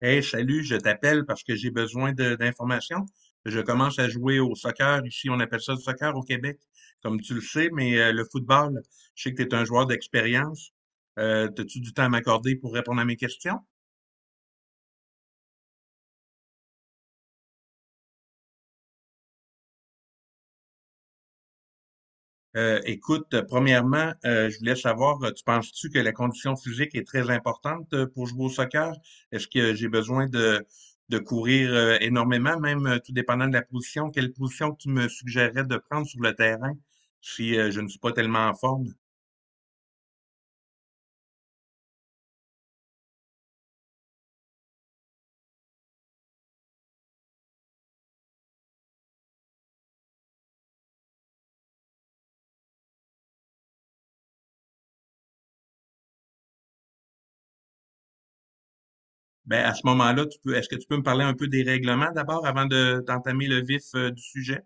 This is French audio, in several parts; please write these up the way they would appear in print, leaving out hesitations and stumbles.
Hey, salut, je t'appelle parce que j'ai d'informations. Je commence à jouer au soccer. Ici, on appelle ça le soccer au Québec, comme tu le sais, mais le football, je sais que tu es un joueur d'expérience. As-tu du temps à m'accorder pour répondre à mes questions? Écoute, premièrement, je voulais savoir, tu penses-tu que la condition physique est très importante pour jouer au soccer? Est-ce que j'ai de courir énormément, même tout dépendant de la position? Quelle position tu me suggérerais de prendre sur le terrain si je ne suis pas tellement en forme? Ben, à ce moment-là, tu peux, est-ce que tu peux me parler un peu des règlements d'abord d'entamer le vif du sujet?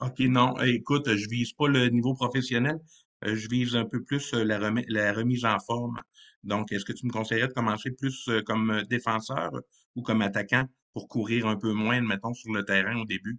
OK, non, eh, écoute, je vise pas le niveau professionnel, je vise un peu plus, la remise en forme. Donc, est-ce que tu me conseillerais de commencer plus, comme, défenseur ou comme attaquant pour courir un peu moins, admettons, sur le terrain au début?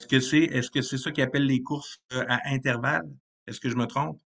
Est-ce que c'est ça qu'ils appellent les courses, à intervalles? Est-ce que je me trompe?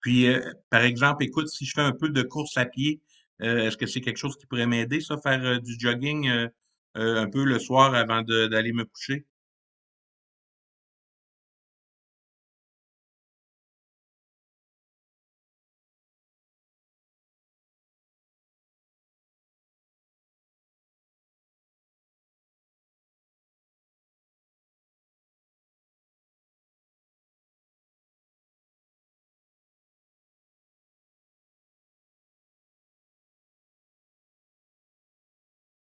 Puis, par exemple, écoute, si je fais un peu de course à pied, est-ce que c'est quelque chose qui pourrait m'aider ça, faire, du jogging, un peu le soir avant de d'aller me coucher?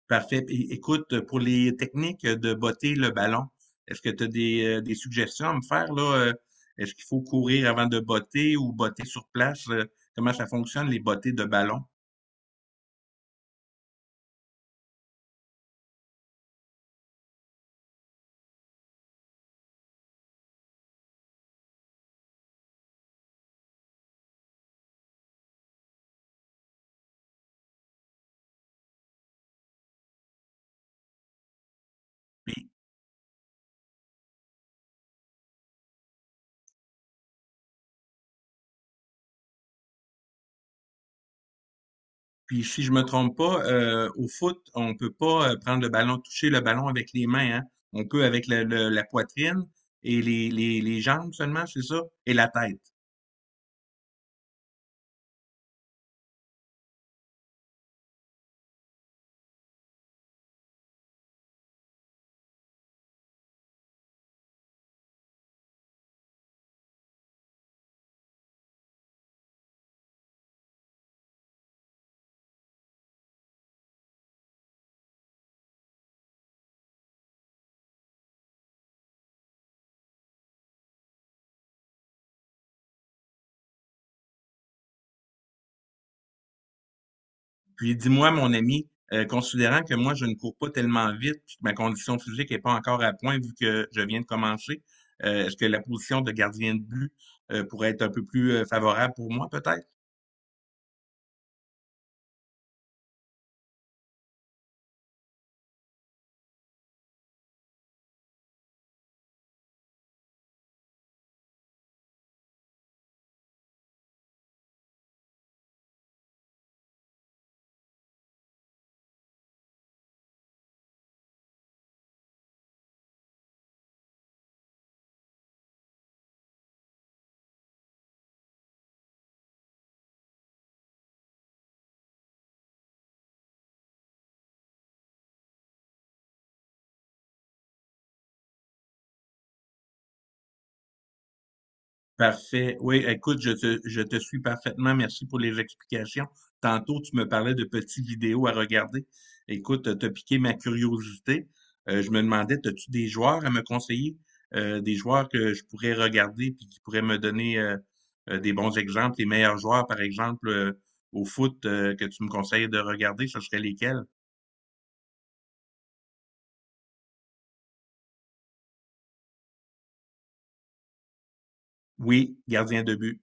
Parfait. Puis, écoute, pour les techniques de botter le ballon, est-ce que tu as des suggestions à me faire là? Est-ce qu'il faut courir avant de botter ou botter sur place? Comment ça fonctionne, les bottées de ballon? Puis si je me trompe pas, au foot, on peut pas prendre le ballon, toucher le ballon avec les mains, hein? On peut avec la poitrine et les jambes seulement, c'est ça? Et la tête. Puis dis-moi, mon ami, considérant que moi, je ne cours pas tellement vite, puis que ma condition physique n'est pas encore à point vu que je viens de commencer, est-ce que la position de gardien de but pourrait être un peu plus favorable pour moi, peut-être? Parfait. Oui, écoute, je te suis parfaitement. Merci pour les explications. Tantôt, tu me parlais de petites vidéos à regarder. Écoute, t'as piqué ma curiosité. Je me demandais, as-tu des joueurs à me conseiller? Des joueurs que je pourrais regarder puis qui pourraient me donner des bons exemples, les meilleurs joueurs, par exemple, au foot que tu me conseilles de regarder, ce serait lesquels? Oui, gardien de but.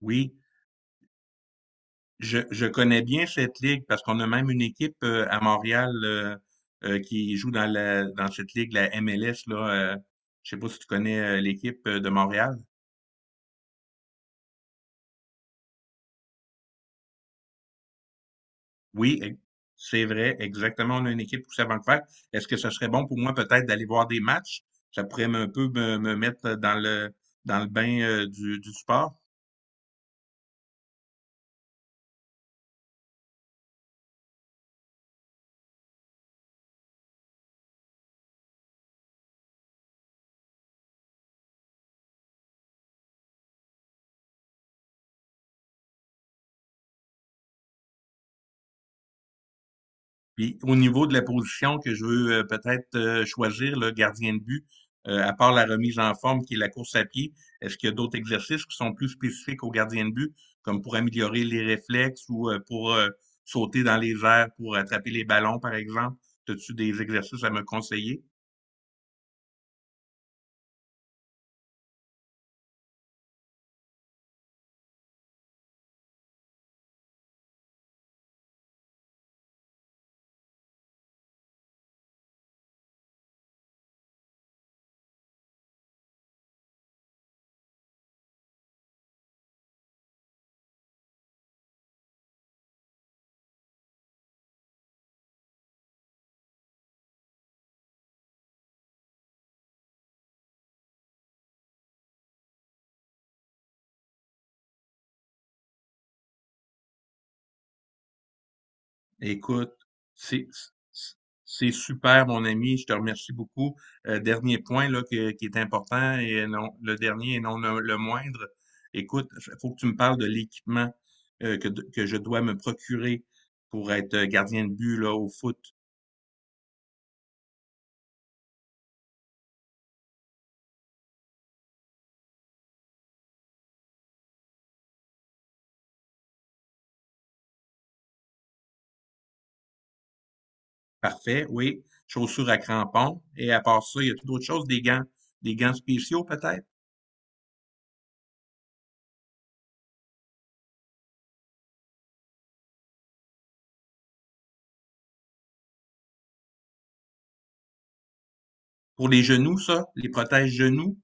Oui, je connais bien cette ligue parce qu'on a même une équipe à Montréal qui joue dans la dans cette ligue, la MLS, là. euh, je sais pas si tu connais l'équipe de Montréal. Oui, c'est vrai, exactement. On a une équipe poussée à Vancouver. Est-ce que ce serait bon pour moi peut-être d'aller voir des matchs? Un peu me mettre dans le bain du sport. Puis au niveau de la position que je veux peut-être choisir, le gardien de but, à part la remise en forme qui est la course à pied, est-ce qu'il y a d'autres exercices qui sont plus spécifiques au gardien de but, comme pour améliorer les réflexes ou pour sauter dans les airs, pour attraper les ballons, par exemple? As-tu des exercices à me conseiller? Écoute, c'est c'est super, mon ami. Je te remercie beaucoup. Dernier point là, qui est important et non, le dernier et non le moindre. Écoute, il faut que tu me parles de l'équipement que je dois me procurer pour être gardien de but là, au foot. Parfait, oui. Chaussures à crampons. Et à part ça, il y a tout d'autres choses, des gants spéciaux peut-être. Pour les genoux, ça, les protèges genoux.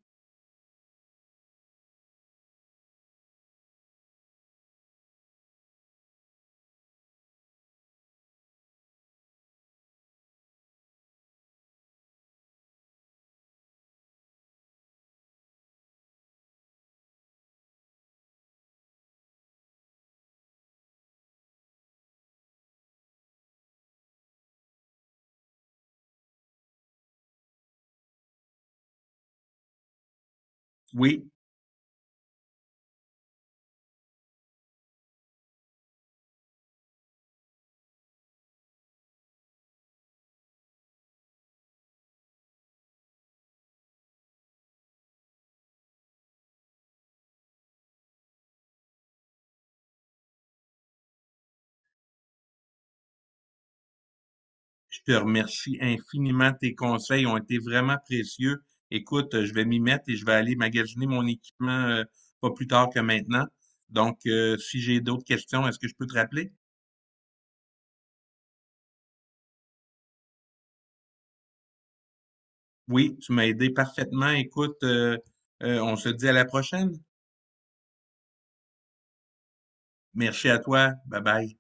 Oui, je te remercie infiniment. Tes conseils ont été vraiment précieux. Écoute, je vais m'y mettre et je vais aller magasiner mon équipement pas plus tard que maintenant. Donc, si j'ai d'autres questions, est-ce que je peux te rappeler? Oui, tu m'as aidé parfaitement. Écoute, on se dit à la prochaine. Merci à toi. Bye bye.